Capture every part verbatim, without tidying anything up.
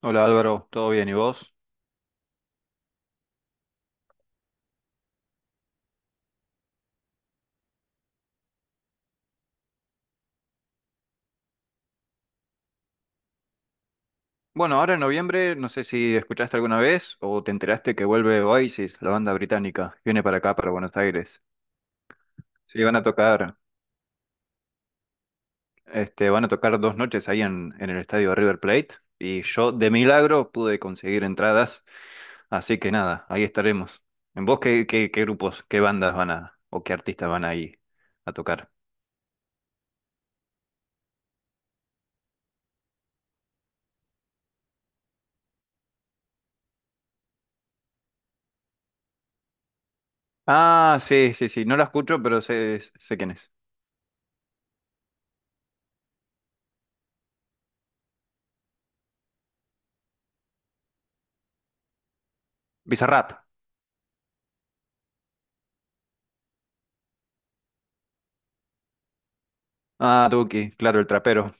Hola Álvaro, ¿todo bien? ¿Y vos? Bueno, ahora en noviembre, no sé si escuchaste alguna vez o te enteraste que vuelve Oasis, la banda británica, viene para acá, para Buenos Aires. Sí, van a tocar, este, van a tocar dos noches ahí en, en el estadio River Plate y yo de milagro pude conseguir entradas, así que nada, ahí estaremos. ¿En vos qué, qué, qué grupos, qué bandas van a, o qué artistas van ahí a tocar? Ah, sí, sí, sí, no la escucho, pero sé, sé quién es. Bizarrap. Ah, Duki, claro, el trapero.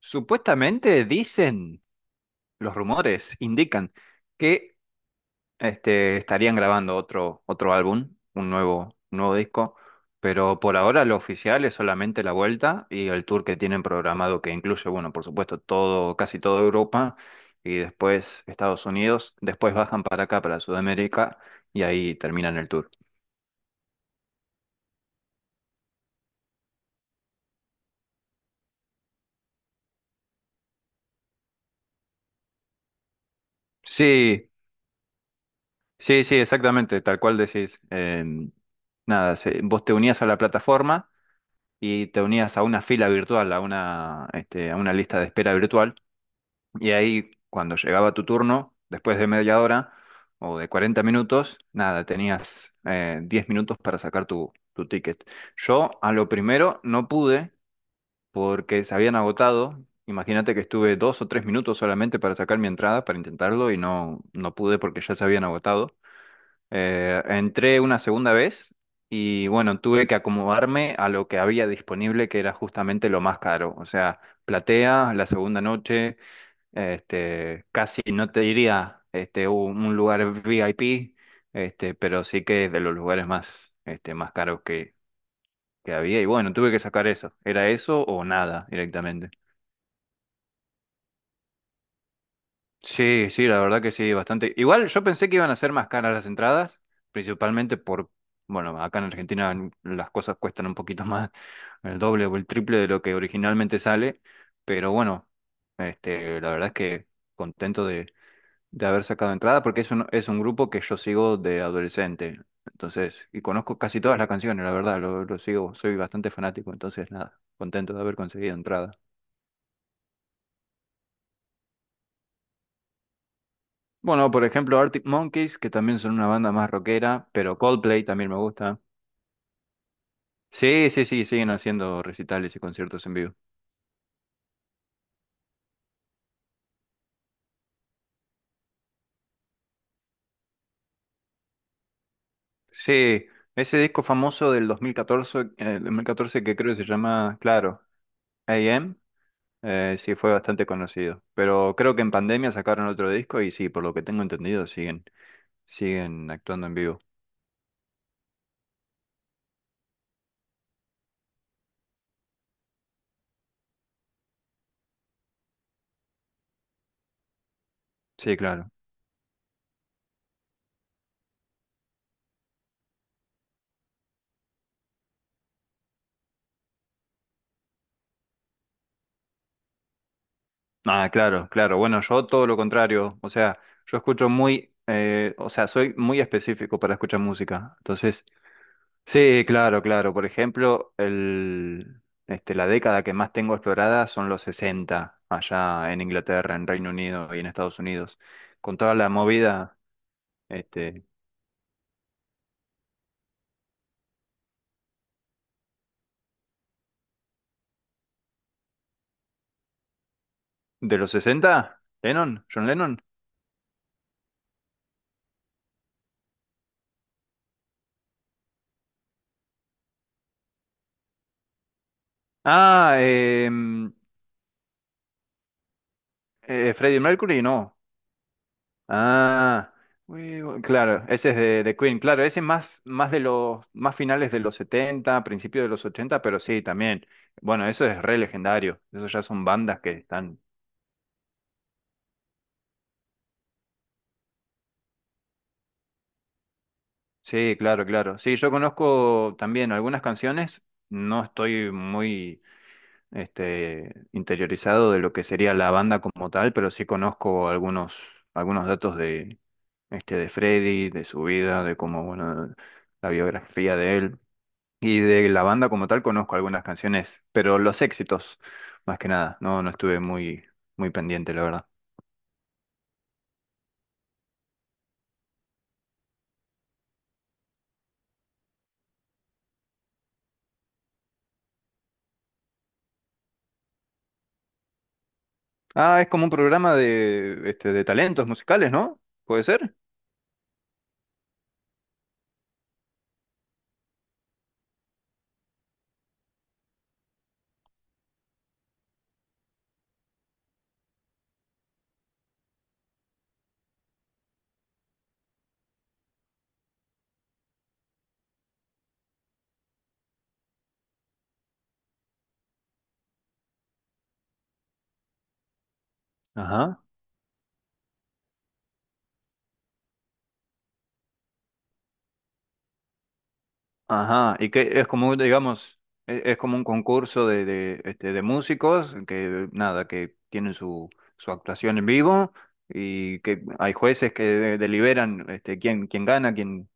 Supuestamente dicen, los rumores indican que este, estarían grabando otro, otro álbum, un nuevo, nuevo disco, pero por ahora lo oficial es solamente la vuelta y el tour que tienen programado que incluye, bueno, por supuesto, todo, casi toda Europa y después Estados Unidos, después bajan para acá, para Sudamérica y ahí terminan el tour. Sí, sí, sí, exactamente, tal cual decís. Em, nada, se- vos te unías a la plataforma. Y te unías a una fila virtual, a una, este, a una lista de espera virtual, y ahí cuando llegaba tu turno, después de media hora o de cuarenta minutos, nada, tenías eh, diez minutos para sacar tu, tu ticket. Yo a lo primero no pude porque se habían agotado. Imagínate que estuve dos o tres minutos solamente para sacar mi entrada, para intentarlo, y no, no pude porque ya se habían agotado. Eh, entré una segunda vez y bueno, tuve que acomodarme a lo que había disponible, que era justamente lo más caro. O sea, platea, la segunda noche, este, casi no te diría este, un, un lugar V I P, este, pero sí que es de los lugares más, este, más caros que, que había. Y bueno, tuve que sacar eso. ¿Era eso o nada directamente? Sí, sí, la verdad que sí, bastante. Igual yo pensé que iban a ser más caras las entradas, principalmente por, bueno, acá en Argentina las cosas cuestan un poquito más, el doble o el triple de lo que originalmente sale, pero bueno, este, la verdad es que contento de, de haber sacado entrada porque es un, es un grupo que yo sigo de adolescente, entonces, y conozco casi todas las canciones, la verdad, lo, lo sigo, soy bastante fanático, entonces nada, contento de haber conseguido entrada. Bueno, por ejemplo, Arctic Monkeys, que también son una banda más rockera, pero Coldplay también me gusta. Sí, sí, sí, siguen haciendo recitales y conciertos en vivo. Sí, ese disco famoso del dos mil catorce, eh, el dos mil catorce que creo que se llama, claro, A M, eh, sí fue bastante conocido. Pero creo que en pandemia sacaron otro disco y sí, por lo que tengo entendido, siguen, siguen actuando en vivo. Sí, claro. Ah, claro, claro. Bueno, yo todo lo contrario. O sea, yo escucho muy, eh, o sea, soy muy específico para escuchar música. Entonces, sí, claro, claro. Por ejemplo, el, este, la década que más tengo explorada son los sesenta allá en Inglaterra, en Reino Unido y en Estados Unidos. Con toda la movida, este, de los sesenta. Lennon, John Lennon. Ah, em, eh, Freddie Mercury, no. Ah, we- we- claro, ese es de, de Queen. Claro, ese es más, más de los, más finales de los setenta, principios de los ochenta, pero sí, también. Bueno, eso es re legendario. Eso ya son bandas que están sí, claro, claro. Sí, yo conozco también algunas canciones. No estoy muy este, interiorizado de lo que sería la banda como tal, pero sí conozco algunos, algunos datos de, este, de Freddy, de su vida, de cómo, bueno, la biografía de él. Y de la banda como tal conozco algunas canciones, pero los éxitos, más que nada. No, no estuve muy, muy pendiente, la verdad. Ah, es como un programa de, este, de talentos musicales, ¿no? ¿Puede ser? Ajá. Ajá, y que es como, digamos, e- es, como un concurso de, de, este, de músicos que, nada, que tienen su, su actuación en vivo y que hay jueces que de- deliberan este, quién, quién gana, quién...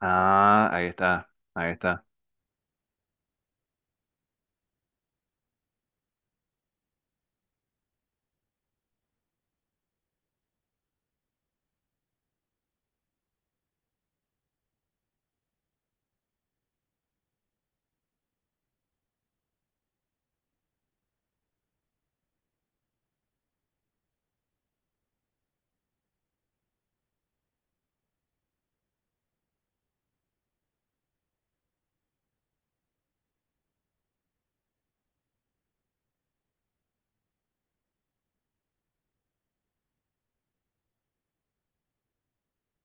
Ah, ahí está, ahí está.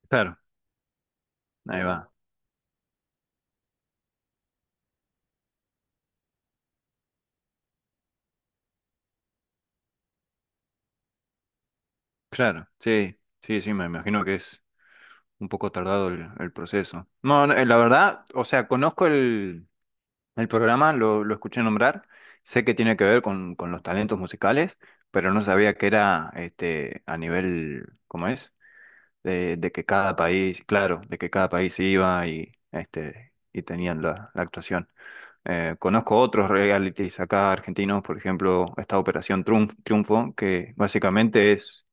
Claro, ahí va. Claro, sí, sí, sí, me imagino que es un poco tardado el, el proceso. No, no, eh, la verdad, o sea, conozco el... El programa lo, lo escuché nombrar, sé que tiene que ver con, con los talentos musicales, pero no sabía que era este, a nivel, ¿cómo es? De, de que cada país, claro, de que cada país iba y, este, y tenían la, la actuación. Eh, conozco otros realities acá argentinos, por ejemplo, esta Operación Triunf- Triunfo, que básicamente es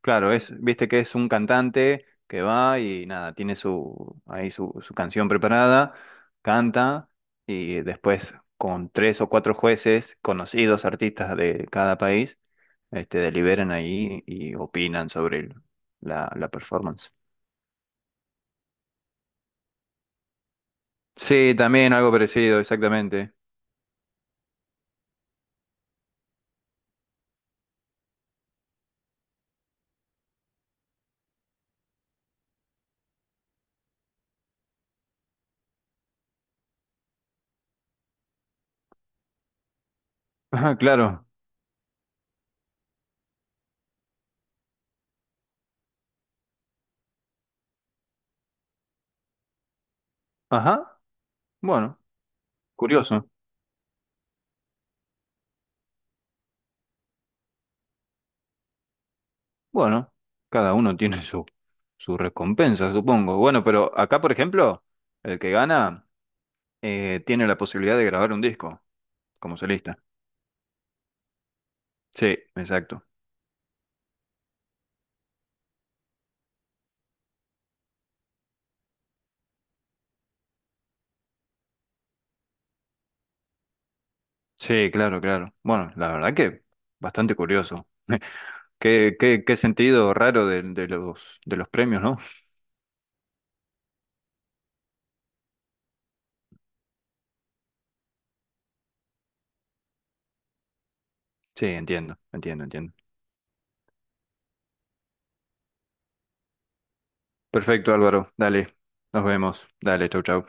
claro, es, viste que es un cantante que va y nada, tiene su, ahí su, su canción preparada, canta y después con tres o cuatro jueces, conocidos artistas de cada país, este, deliberan ahí y opinan sobre el- la, la performance. Sí, también algo parecido, exactamente. Ajá, claro. Ajá, bueno, curioso. Bueno, cada uno tiene su, su recompensa, supongo. Bueno, pero acá, por ejemplo, el que gana... eh, tiene la posibilidad de grabar un disco como solista. Sí, exacto. Sí, claro, claro. Bueno, la verdad que bastante curioso. Qué, qué, qué sentido raro de, de los, de los premios, ¿no? Sí, entiendo, entiendo, entiendo. Perfecto, Álvaro. Dale, nos vemos. Dale, chau, chau.